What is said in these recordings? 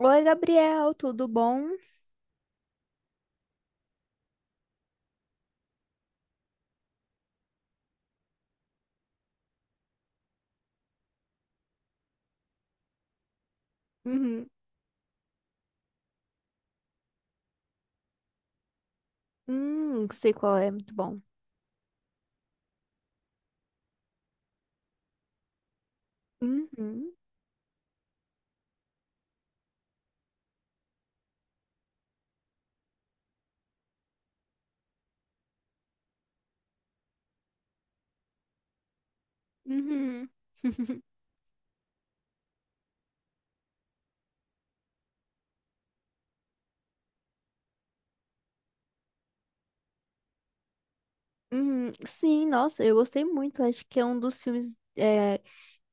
Oi, Gabriel, tudo bom? Uhum. Sei qual é, muito bom. Uhum. Uhum. Sim, nossa, eu gostei muito. Acho que é um dos filmes é,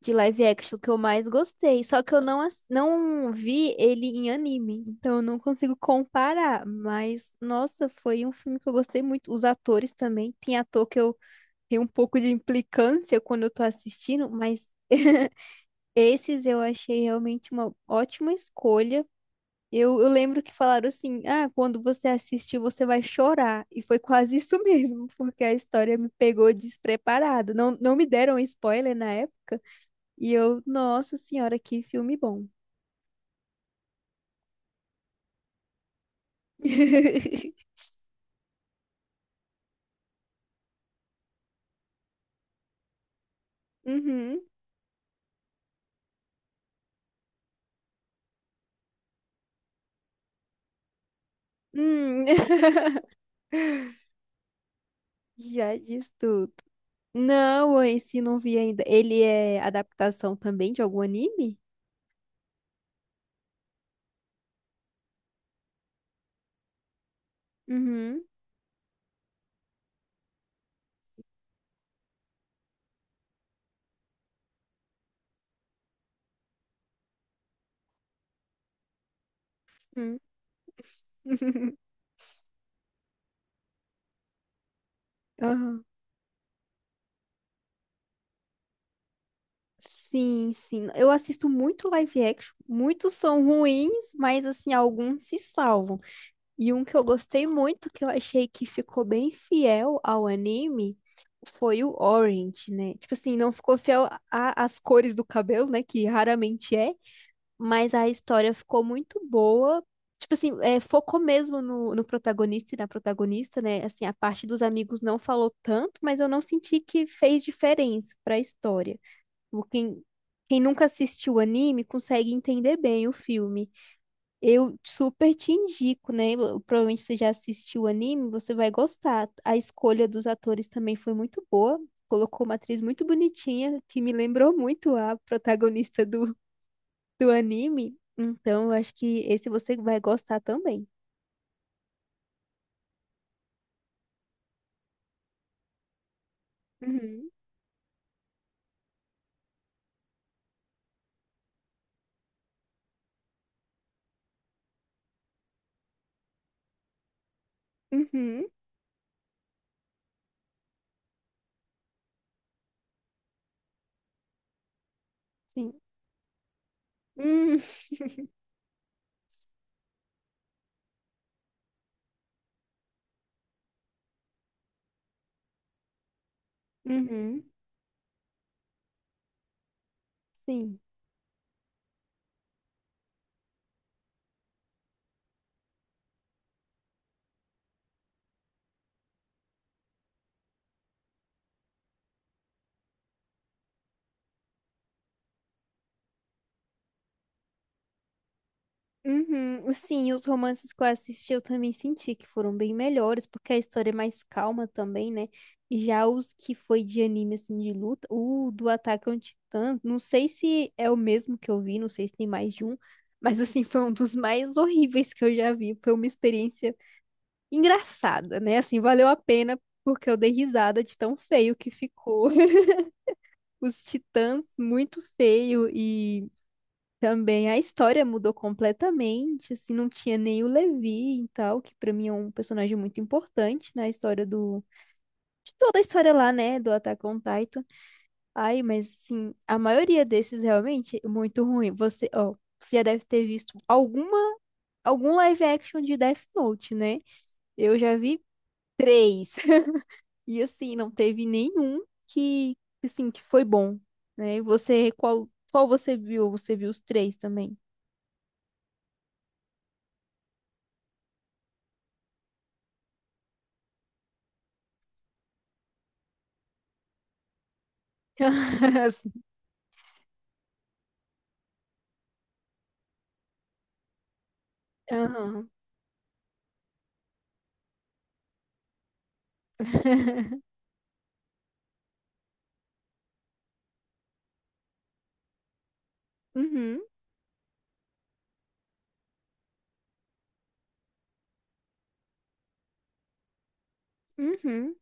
de live action que eu mais gostei. Só que eu não vi ele em anime, então eu não consigo comparar. Mas, nossa, foi um filme que eu gostei muito. Os atores também. Tem ator que eu tenho um pouco de implicância quando eu tô assistindo, mas esses eu achei realmente uma ótima escolha. Eu lembro que falaram assim: ah, quando você assistir, você vai chorar. E foi quase isso mesmo, porque a história me pegou despreparada. Não, não me deram spoiler na época. E eu, nossa senhora, que filme bom. Uhum. Hum, já diz tudo. Não, esse não vi ainda. Ele é adaptação também de algum anime? Uhum. Uhum. Aham. Sim, sim. Eu assisto muito live action. Muitos são ruins, mas assim, alguns se salvam. E um que eu gostei muito, que eu achei que ficou bem fiel ao anime, foi o Orange, né? Tipo assim, não ficou fiel a- às cores do cabelo, né? Que raramente é, mas a história ficou muito boa. Tipo assim, é, focou mesmo no protagonista e na protagonista, né? Assim, a parte dos amigos não falou tanto, mas eu não senti que fez diferença para a história. Tipo, Quem nunca assistiu anime consegue entender bem o filme. Eu super te indico, né? Provavelmente você já assistiu o anime, você vai gostar. A escolha dos atores também foi muito boa. Colocou uma atriz muito bonitinha, que me lembrou muito a protagonista do, do anime. Então, eu acho que esse você vai gostar também. Uhum, uhum, sim. Hum, uhum, sim. Uhum, sim, os romances que eu assisti eu também senti que foram bem melhores, porque a história é mais calma também, né? Já os que foi de anime, assim, de luta, o do Ataque a um Titã, não sei se é o mesmo que eu vi, não sei se tem mais de um, mas, assim, foi um dos mais horríveis que eu já vi. Foi uma experiência engraçada, né? Assim, valeu a pena, porque eu dei risada de tão feio que ficou. Os titãs, muito feio e. Também a história mudou completamente, assim, não tinha nem o Levi e tal, que pra mim é um personagem muito importante na história do... De toda a história lá, né, do Attack on Titan. Ai, mas, assim, a maioria desses realmente é muito ruim. Você, ó, você já deve ter visto alguma, algum live action de Death Note, né? Eu já vi três. E, assim, não teve nenhum que, assim, que foi bom, né? Você, qual você viu? Você viu os três também? Aham. Uhum, uhum,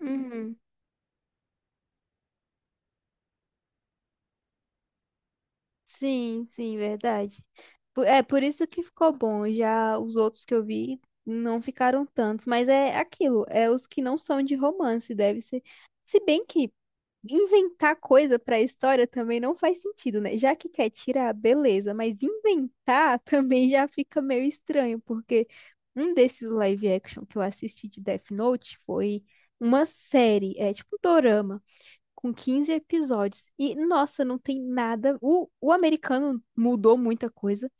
uhum. Sim, sim, verdade. É por isso que ficou bom. Já os outros que eu vi não ficaram tantos, mas é aquilo, é os que não são de romance, deve ser. Se bem que inventar coisa pra história também não faz sentido, né? Já que quer tirar, beleza, mas inventar também já fica meio estranho, porque um desses live action que eu assisti de Death Note foi uma série, é tipo um dorama. Com 15 episódios. E, nossa, não tem nada. O americano mudou muita coisa.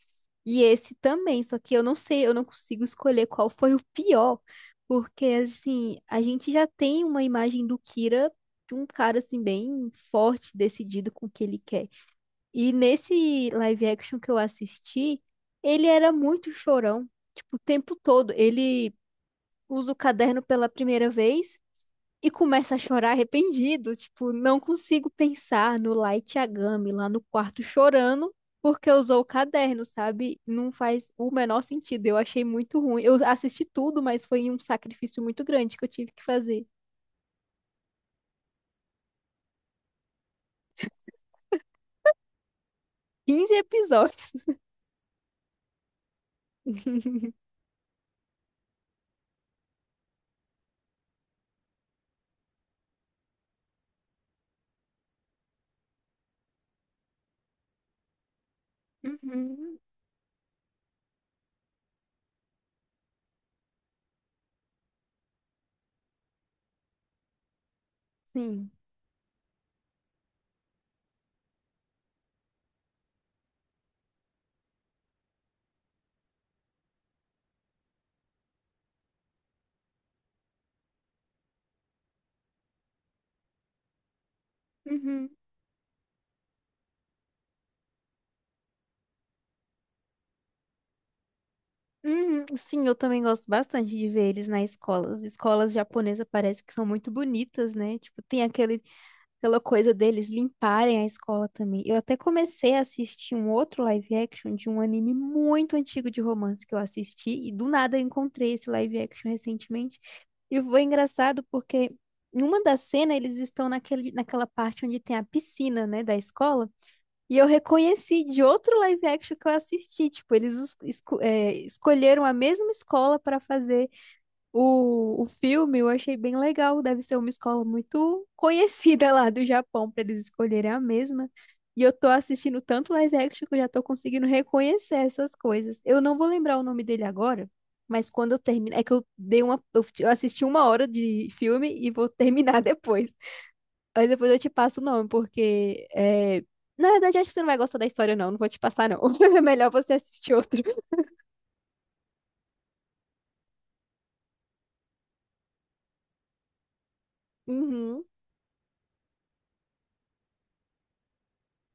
E esse também. Só que eu não sei, eu não consigo escolher qual foi o pior. Porque, assim, a gente já tem uma imagem do Kira de um cara, assim, bem forte, decidido com o que ele quer. E nesse live action que eu assisti, ele era muito chorão. Tipo, o tempo todo. Ele usa o caderno pela primeira vez. E começa a chorar arrependido, tipo, não consigo pensar no Light Yagami lá no quarto chorando porque usou o caderno, sabe? Não faz o menor sentido. Eu achei muito ruim. Eu assisti tudo, mas foi um sacrifício muito grande que eu tive que fazer. 15 episódios. Uhum, sim. Uhum. Uhum. Sim, eu também gosto bastante de ver eles na escola. As escolas japonesas parece que são muito bonitas, né? Tipo, tem aquele pela coisa deles limparem a escola também. Eu até comecei a assistir um outro live action de um anime muito antigo de romance que eu assisti, e do nada eu encontrei esse live action recentemente. E foi engraçado porque numa das cenas eles estão naquele, naquela parte onde tem a piscina, né, da escola. E eu reconheci de outro live action que eu assisti. Tipo, eles escolheram a mesma escola para fazer o filme. Eu achei bem legal, deve ser uma escola muito conhecida lá do Japão para eles escolherem a mesma. E eu tô assistindo tanto live action que eu já tô conseguindo reconhecer essas coisas. Eu não vou lembrar o nome dele agora, mas quando eu terminar, é que eu dei uma, eu assisti uma hora de filme e vou terminar depois. Mas depois eu te passo o nome, porque é... Na verdade acho que você não vai gostar da história não, não vou te passar não. É melhor você assistir outro. Uhum.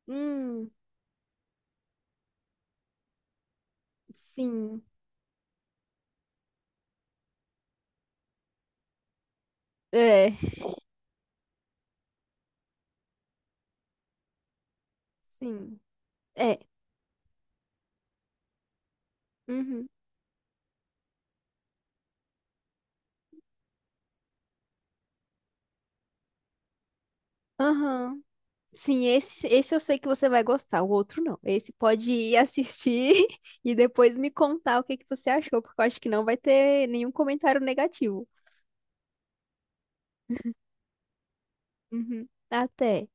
Hum, sim. É. Sim. É. Uhum. Aham. Sim, esse eu sei que você vai gostar, o outro não. Esse pode ir assistir e depois me contar o que que você achou, porque eu acho que não vai ter nenhum comentário negativo. Uhum. Até.